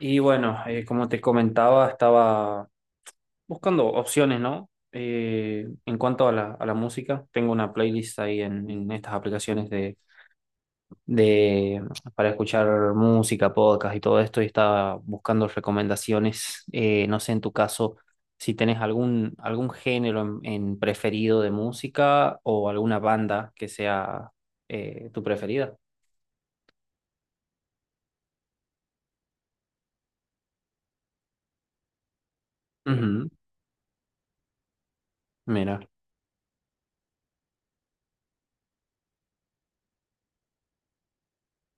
Y bueno, como te comentaba, estaba buscando opciones, ¿no? En cuanto a a la música, tengo una playlist ahí en estas aplicaciones de para escuchar música, podcast y todo esto, y estaba buscando recomendaciones. No sé, en tu caso, si tenés algún género en preferido de música o alguna banda que sea tu preferida. Ujú. Mira,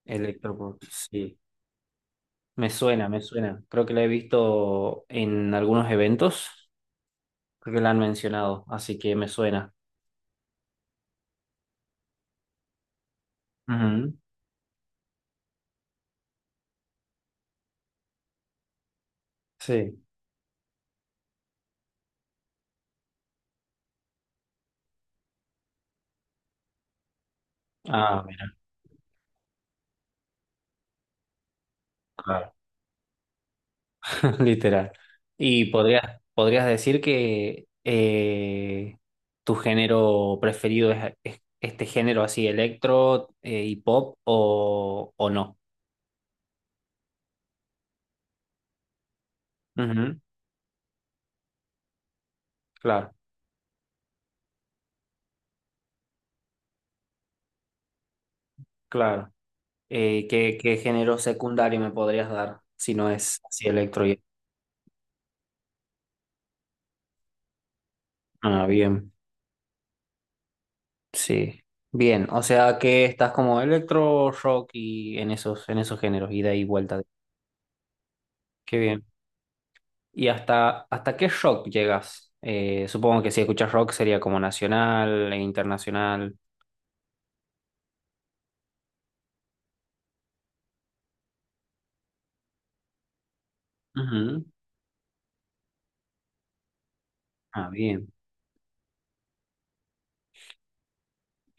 electropop, sí. Me suena, me suena. Creo que la he visto en algunos eventos. Creo que la han mencionado, así que me suena. Ujú. Sí. Ah, mira, claro. Literal. Y podrías, podrías decir que tu género preferido es este género así, electro y pop o no. Ujú. Claro, claro. ¿Qué, qué género secundario me podrías dar si no es así electro y... Ah, bien. Sí, bien, o sea que estás como electro rock y en esos géneros, ida y vuelta. Qué bien. ¿Y hasta, hasta qué rock llegas? Supongo que si escuchas rock sería como nacional e internacional. Ujú. Ah, bien.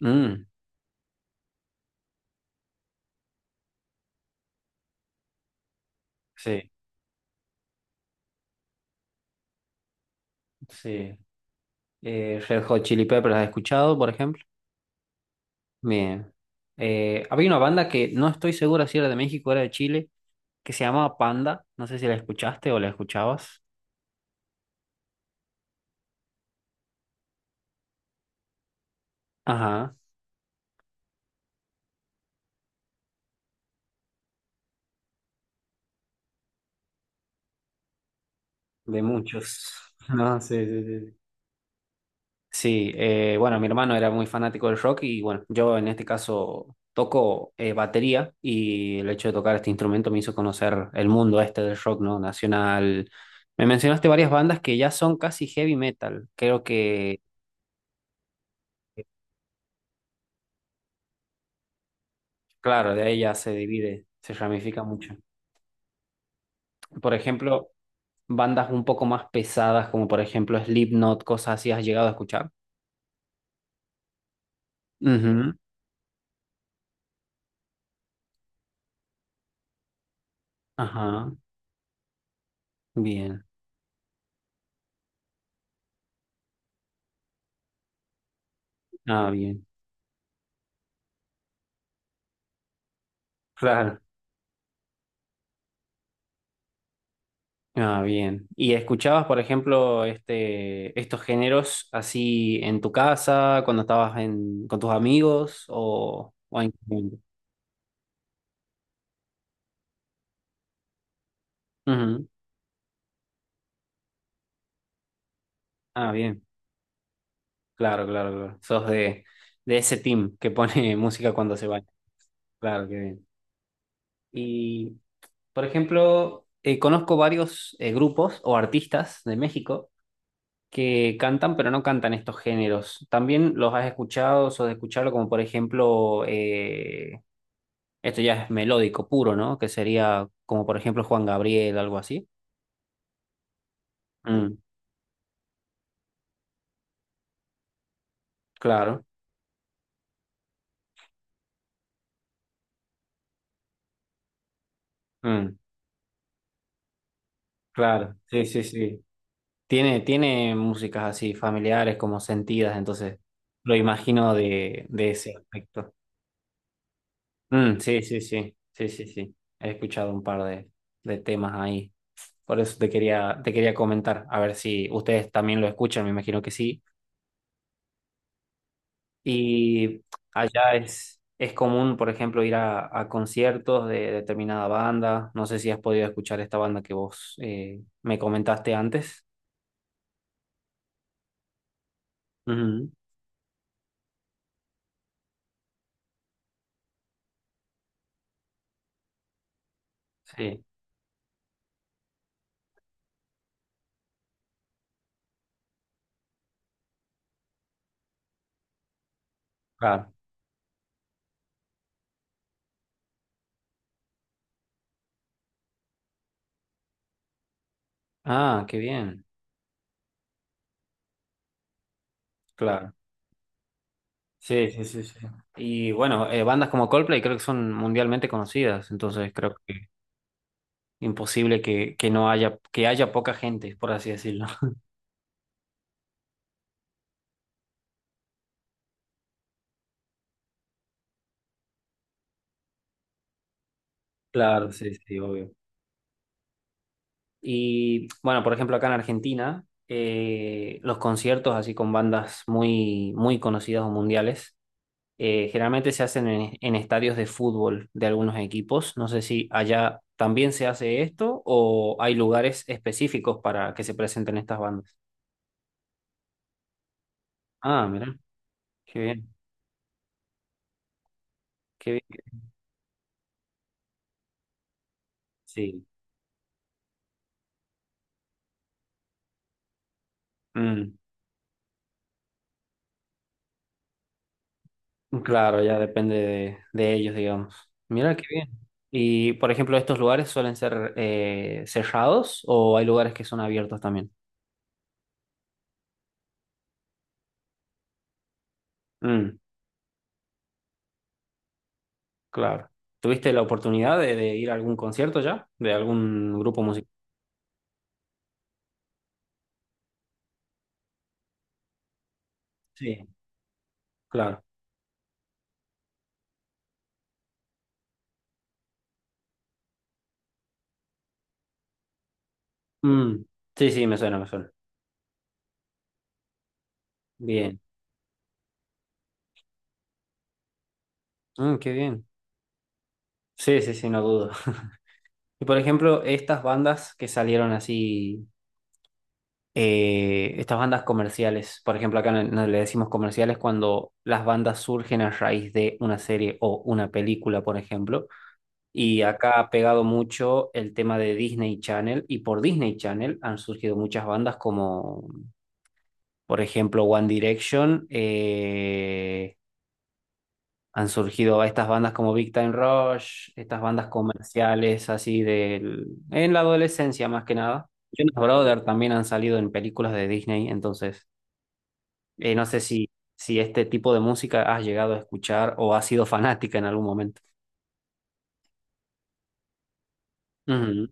Mm, sí, sí. Red Hot Chili Peppers, ¿has escuchado, por ejemplo? Bien. Había una banda que no estoy segura si era de México o era de Chile, que se llamaba Panda. No sé si la escuchaste o la escuchabas. Ajá, de muchos. No, sí, sí, sí. Sí, sí, bueno, mi hermano era muy fanático del rock y bueno, yo en este caso toco batería y el hecho de tocar este instrumento me hizo conocer el mundo este del rock, ¿no? Nacional. Me mencionaste varias bandas que ya son casi heavy metal. Creo que, claro, de ahí ya se divide, se ramifica mucho. Por ejemplo, bandas un poco más pesadas como por ejemplo Slipknot, cosas así, ¿has llegado a escuchar? Ujú. Ajá, bien. Ah, bien. Claro. Ah, bien. ¿Y escuchabas, por ejemplo, este, estos géneros así en tu casa, cuando estabas en, con tus amigos o en... Ujú. Ah, bien. Claro, claro, claro. Sos de ese team que pone música cuando se baña. Claro, qué bien. Y, por ejemplo, conozco varios grupos o artistas de México que cantan, pero no cantan estos géneros. También los has escuchado o de escucharlo, como por ejemplo... Esto ya es melódico puro, ¿no? Que sería como por ejemplo Juan Gabriel, algo así. Mm, claro, mm, claro, sí, sí, sí. Tiene, tiene músicas así familiares, como sentidas, entonces lo imagino de ese aspecto. Mm, sí, sí, sí, sí, sí, sí. He escuchado un par de temas ahí. Por eso te quería comentar, a ver si ustedes también lo escuchan, me imagino que sí. Y allá es común, por ejemplo, ir a conciertos de determinada banda. No sé si has podido escuchar esta banda que vos me comentaste antes. Ujú. Sí, claro. Ah, qué bien. Claro. Sí, sí, sí, sí. Y bueno, bandas como Coldplay creo que son mundialmente conocidas, entonces creo que imposible que no haya, que haya poca gente, por así decirlo. Claro, sí, sí, obvio. Y bueno, por ejemplo, acá en Argentina, los conciertos así con bandas muy, muy conocidas o mundiales, generalmente se hacen en estadios de fútbol de algunos equipos. No sé si allá también se hace esto o hay lugares específicos para que se presenten estas bandas. Ah, mira, qué bien, qué bien. Sí. Mm, claro, ya depende de ellos, digamos. Mira, qué bien. Y, por ejemplo, ¿estos lugares suelen ser cerrados o hay lugares que son abiertos también? Mm, claro. ¿Tuviste la oportunidad de ir a algún concierto ya? ¿De algún grupo musical? Sí, claro. Mm, sí, sí, me suena, me suena. Bien. Mm, qué bien. Sí, sí, sí, no dudo. Y por ejemplo, estas bandas que salieron así, estas bandas comerciales, por ejemplo, acá no le decimos comerciales cuando las bandas surgen a raíz de una serie o una película, por ejemplo. Y acá ha pegado mucho el tema de Disney Channel y por Disney Channel han surgido muchas bandas como por ejemplo, One Direction, han surgido estas bandas como Big Time Rush, estas bandas comerciales así del, en la adolescencia más que nada. Jonas Brothers también han salido en películas de Disney, entonces no sé si, si este tipo de música has llegado a escuchar o has sido fanática en algún momento. Ujú,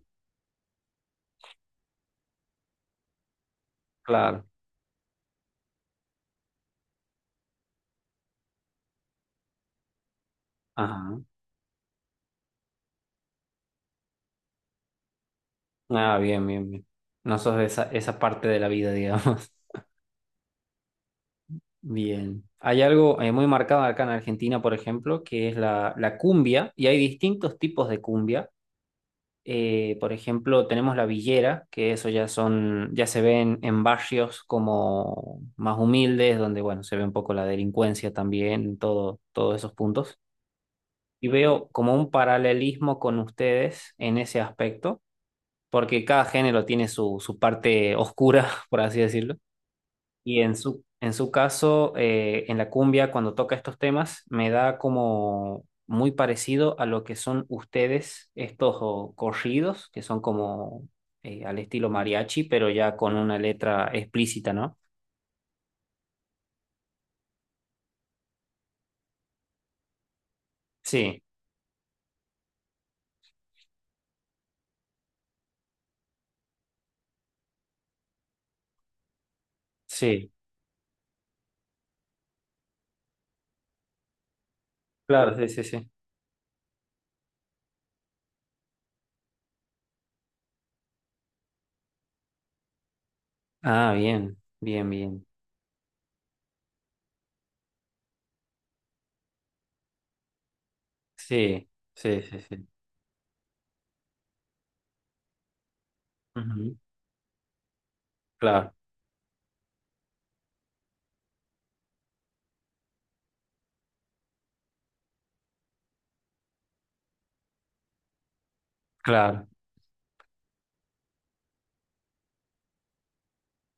claro. Ajá. Ah, bien, bien, bien. No sos de esa, esa parte de la vida, digamos. Bien. Hay algo muy marcado acá en Argentina, por ejemplo, que es la, la cumbia, y hay distintos tipos de cumbia. Por ejemplo, tenemos la villera, que eso ya son, ya se ven en barrios como más humildes, donde bueno, se ve un poco la delincuencia también, todo, todos esos puntos. Y veo como un paralelismo con ustedes en ese aspecto, porque cada género tiene su, su parte oscura, por así decirlo. Y en su caso, en la cumbia, cuando toca estos temas, me da como muy parecido a lo que son ustedes, estos oh, corridos, que son como al estilo mariachi, pero ya con una letra explícita, ¿no? Sí, sí, claro, sí, sí, sí. Ah, bien, bien, bien. Sí, sí, sí, sí. Ujú. Claro, claro.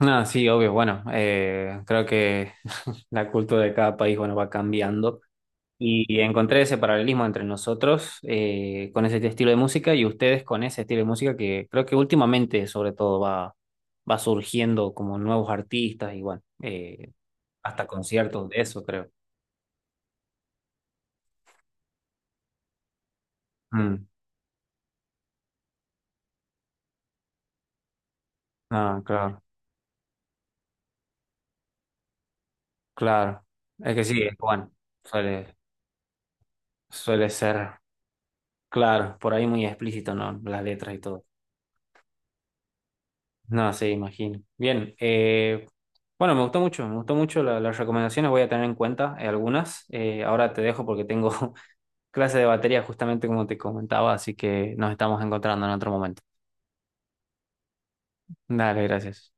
No, sí, obvio. Bueno, creo que la cultura de cada país, bueno, va cambiando, y encontré ese paralelismo entre nosotros con ese estilo de música y ustedes con ese estilo de música que creo que últimamente sobre todo va, va surgiendo como nuevos artistas y bueno, hasta conciertos de eso creo. Mm, ah, claro, claro. Es que sí, es bueno, suele, suele ser, claro, por ahí muy explícito, ¿no? Las letras y todo. No, sí, imagino. Bien, bueno, me gustó mucho las recomendaciones, voy a tener en cuenta algunas. Ahora te dejo porque tengo clase de batería, justamente como te comentaba, así que nos estamos encontrando en otro momento. Dale, gracias.